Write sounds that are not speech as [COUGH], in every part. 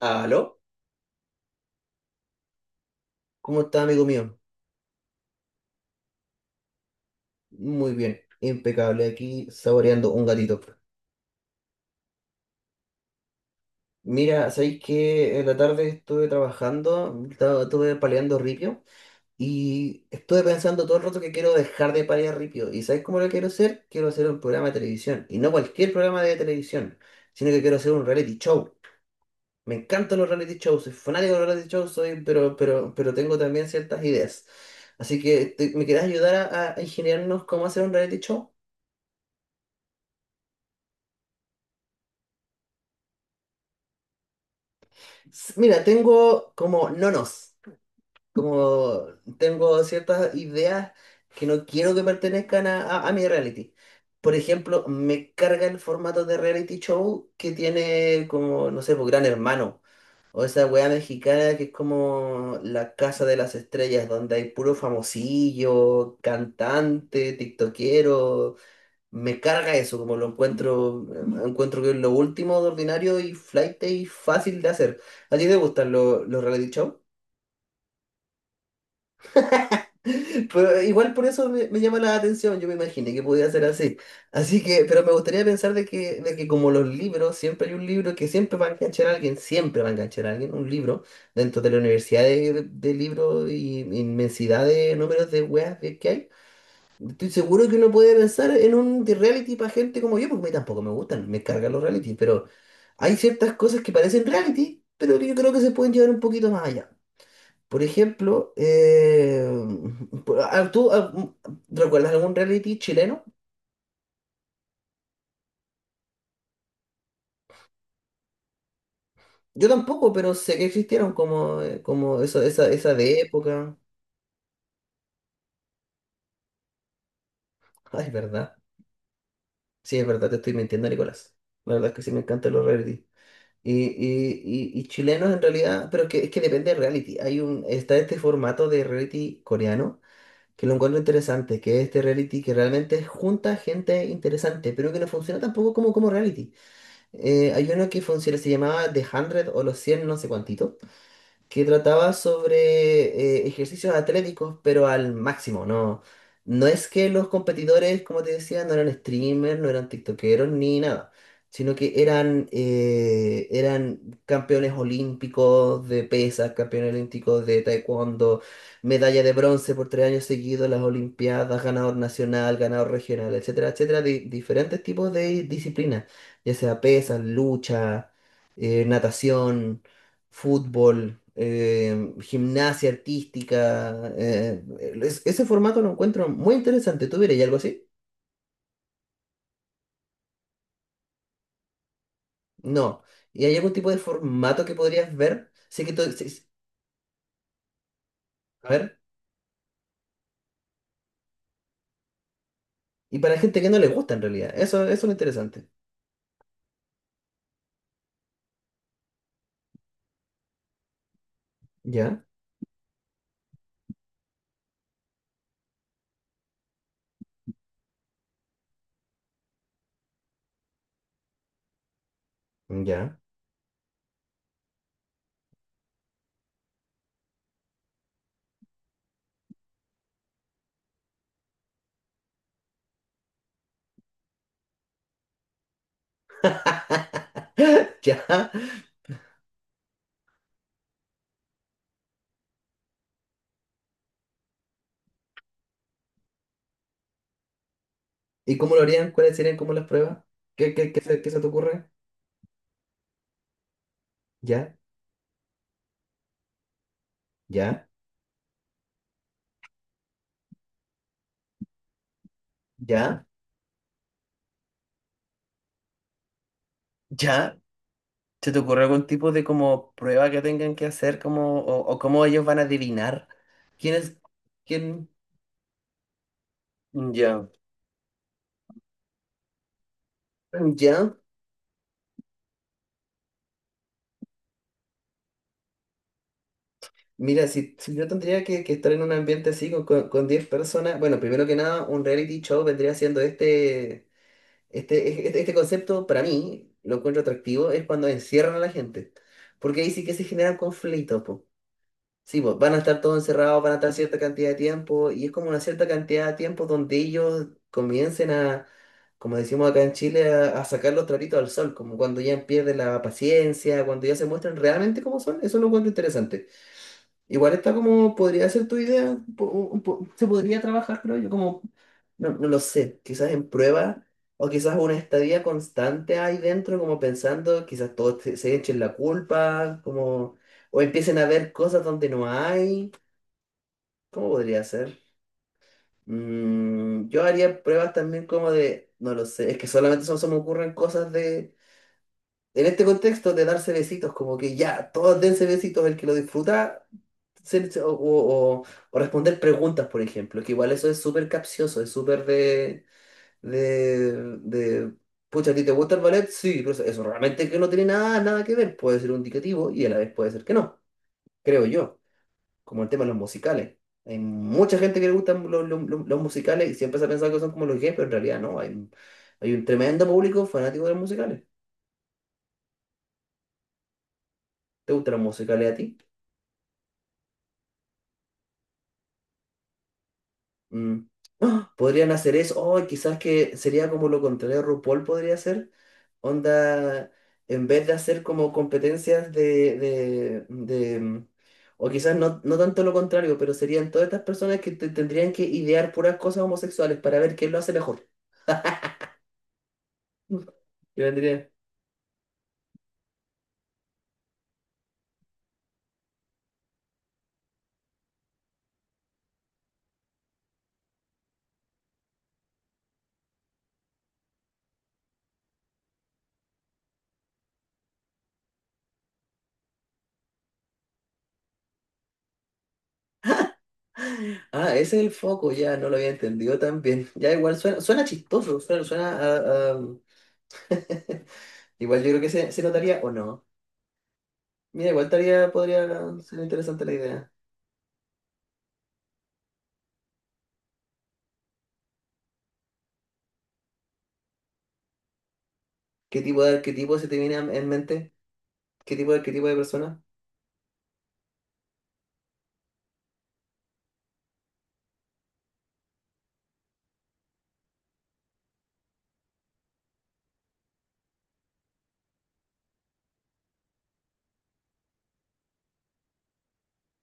¿Aló? ¿Cómo está, amigo mío? Muy bien, impecable, aquí saboreando un gatito. Mira, ¿sabéis que en la tarde estuve trabajando, estaba estuve paleando ripio y estuve pensando todo el rato que quiero dejar de palear ripio? ¿Y sabéis cómo lo quiero hacer? Quiero hacer un programa de televisión y no cualquier programa de televisión, sino que quiero hacer un reality show. Me encantan los reality shows, soy fanático de los reality shows, pero tengo también ciertas ideas. Así que, ¿me querés ayudar a ingeniarnos cómo hacer un reality show? Mira, tengo como nonos, como tengo ciertas ideas que no quiero que pertenezcan a, a mi reality. Por ejemplo, me carga el formato de reality show que tiene como, no sé, pues Gran Hermano, o esa weá mexicana que es como la casa de las estrellas, donde hay puro famosillo, cantante, tiktokero. Me carga eso, como lo encuentro, encuentro que es lo último de ordinario y flaite y fácil de hacer. ¿A ti te gustan los reality show? [LAUGHS] Pero igual por eso me llama la atención, yo me imaginé que podía ser así. Así que, pero me gustaría pensar de que como los libros, siempre hay un libro que siempre va a enganchar a alguien, siempre va a enganchar a alguien, un libro, dentro de la universidad de libros y inmensidad de números de weas que hay. Estoy seguro que uno puede pensar en un de reality para gente como yo, porque a mí tampoco me gustan, me cargan los reality, pero hay ciertas cosas que parecen reality, pero que yo creo que se pueden llevar un poquito más allá. Por ejemplo, ¿tú recuerdas algún reality chileno? Yo tampoco, pero sé que existieron como, como eso, esa de época. Ay, es verdad. Sí, es verdad, te estoy mintiendo, Nicolás. La verdad es que sí me encantan los reality. Y chilenos en realidad, pero es que depende del reality. Hay un, está este formato de reality coreano que lo encuentro interesante, que es este reality que realmente junta gente interesante, pero que no funciona tampoco como reality. Hay uno que funciona, se llamaba The 100 o los 100 no sé cuántito, que trataba sobre ejercicios atléticos, pero al máximo, ¿no? No es que los competidores, como te decía, no eran streamers, no eran tiktokeros ni nada, sino que eran campeones olímpicos de pesas, campeones olímpicos de taekwondo, medalla de bronce por 3 años seguidos, las olimpiadas, ganador nacional, ganador regional, etcétera, etcétera, de diferentes tipos de disciplinas, ya sea pesas, lucha, natación, fútbol, gimnasia artística. Ese formato lo encuentro muy interesante. ¿Tú verías algo así? No. ¿Y hay algún tipo de formato que podrías ver? Sí que sí, sí. A ver. Y para gente que no le gusta en realidad. Eso es lo interesante. Ya, ya, [LAUGHS] ya. ¿Y cómo lo harían? ¿Cuáles serían como las pruebas? ¿Qué se te ocurre? Ya, ya, ya, ya. ¿Se te ocurre algún tipo de como prueba que tengan que hacer como, o cómo ellos van a adivinar quién es, quién? Ya, ya, mira, si yo tendría que estar en un ambiente así con 10 personas, bueno, primero que nada, un reality show vendría siendo este concepto, para mí, lo encuentro atractivo, es cuando encierran a la gente, porque ahí sí que se generan conflictos. Sí, pues van a estar todos encerrados, van a estar cierta cantidad de tiempo y es como una cierta cantidad de tiempo donde ellos comiencen a, como decimos acá en Chile, a sacar los trapitos al sol, como cuando ya pierden la paciencia, cuando ya se muestran realmente cómo son, eso lo encuentro interesante. Igual está como, podría ser tu idea, se podría trabajar, creo yo, como, no lo sé, quizás en prueba o quizás una estadía constante ahí dentro, como pensando, quizás todos se echen la culpa, como, o empiecen a ver cosas donde no hay, ¿cómo podría ser? Yo haría pruebas también como de, no lo sé, es que solamente son, se me ocurren cosas de, en este contexto de darse besitos, como que ya, todos dense besitos, el que lo disfruta ser- o, o- o responder preguntas, por ejemplo, que igual eso es súper capcioso, es súper de, de, pucha, ¿a ti te gusta el ballet? Sí, pero eso realmente que no tiene nada, nada que ver, puede ser un indicativo y a la vez puede ser que no, creo yo, como el tema de los musicales. Hay mucha gente que le gustan los los musicales y siempre se ha pensado que son como los gays, pero en realidad no, hay un tremendo público fanático de los musicales. ¿Te gustan los musicales a ti? Mm. [GASPS] ¡Ah! Podrían hacer eso. O quizás que sería como lo contrario RuPaul podría hacer. Onda, en vez de hacer como competencias o quizás no, no tanto lo contrario, pero serían todas estas personas que tendrían que idear puras cosas homosexuales para ver quién lo hace mejor. [LAUGHS] Mm. Y vendría. Ah, ese es el foco, ya no lo había entendido tan bien. [LAUGHS] Ya igual suena chistoso, suena. [LAUGHS] Igual yo creo que se notaría o no. Mira, igual estaría, podría ser interesante la idea. ¿Qué tipo de arquetipo se te viene en mente? ¿Qué tipo de arquetipo de persona?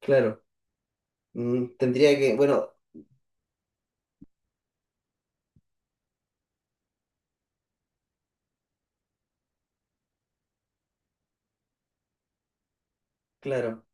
Claro, tendría que, bueno, claro.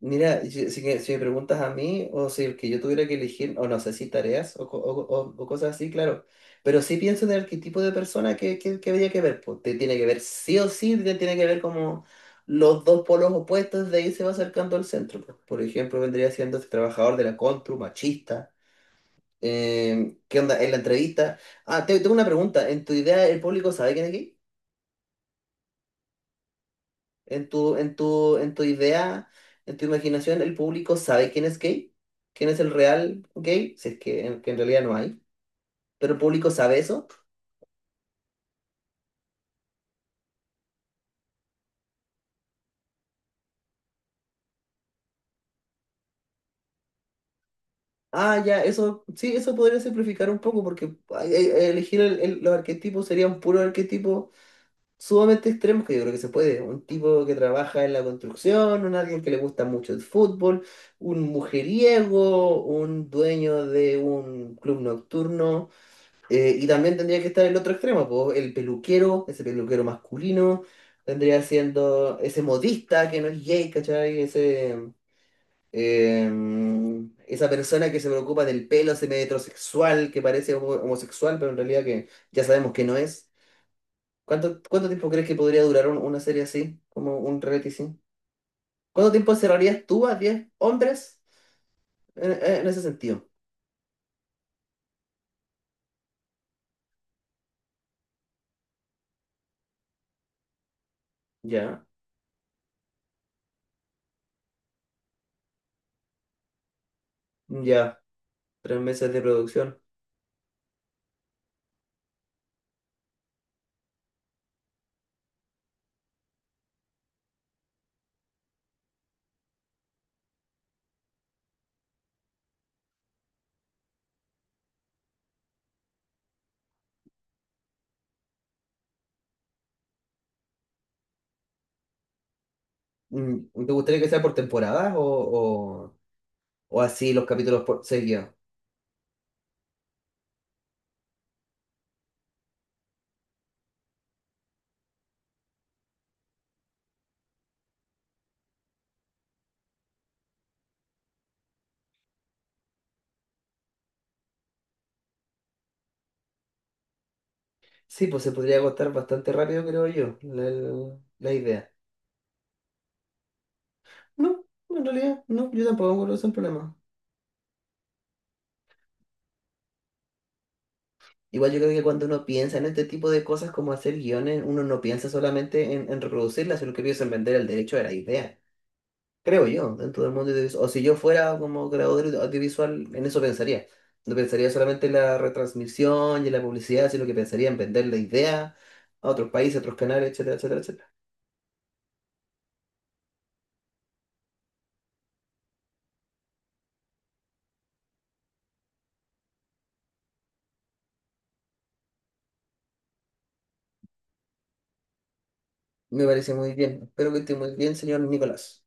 Mira, si me preguntas a mí o si el que yo tuviera que elegir, o no sé si tareas o, o cosas así, claro. Pero sí pienso en el arquetipo de persona que habría que ver. Pues, te tiene que ver sí o sí, te tiene que ver como los dos polos opuestos, de ahí se va acercando al centro, pues. Por ejemplo, vendría siendo este trabajador de la constru, machista. ¿Qué onda? En la entrevista. Ah, tengo una pregunta. ¿En tu idea el público sabe quién es gay? ¿En tu idea, en tu imaginación, el público sabe quién es gay? ¿Quién es el real gay? Si es que en realidad no hay. ¿Pero el público sabe eso? Ah, ya, eso, sí, eso podría simplificar un poco porque ay, ay, elegir los arquetipos sería un puro arquetipo sumamente extremos que yo creo que se puede. Un tipo que trabaja en la construcción, un alguien que le gusta mucho el fútbol, un mujeriego, un dueño de un club nocturno. Y también tendría que estar el otro extremo, po, el peluquero, ese peluquero masculino. Tendría siendo ese modista que no es gay, ¿cachai? Eh, esa persona que se preocupa del pelo semi-heterosexual, que parece homosexual, pero en realidad que ya sabemos que no es. ¿Cuánto, cuánto tiempo crees que podría durar una serie así, como un reality sí? ¿Cuánto tiempo encerrarías tú a 10 hombres en ese sentido? Ya, ya, 3 meses de producción. ¿Te gustaría que sea por temporadas o, o así los capítulos por seguidos? Sí, pues se podría agotar bastante rápido, creo yo, la idea. No, en realidad, no, yo tampoco creo que sea un problema. Igual yo creo que cuando uno piensa en este tipo de cosas como hacer guiones, uno no piensa solamente en, reproducirlas, sino que piensa en vender el derecho de la idea, creo yo, dentro del mundo audiovisual. O si yo fuera como creador audiovisual, en eso pensaría. No pensaría solamente en la retransmisión y en la publicidad, sino que pensaría en vender la idea a otros países, a otros canales, etcétera, etcétera, etcétera. Me parece muy bien. Espero que esté muy bien, señor Nicolás.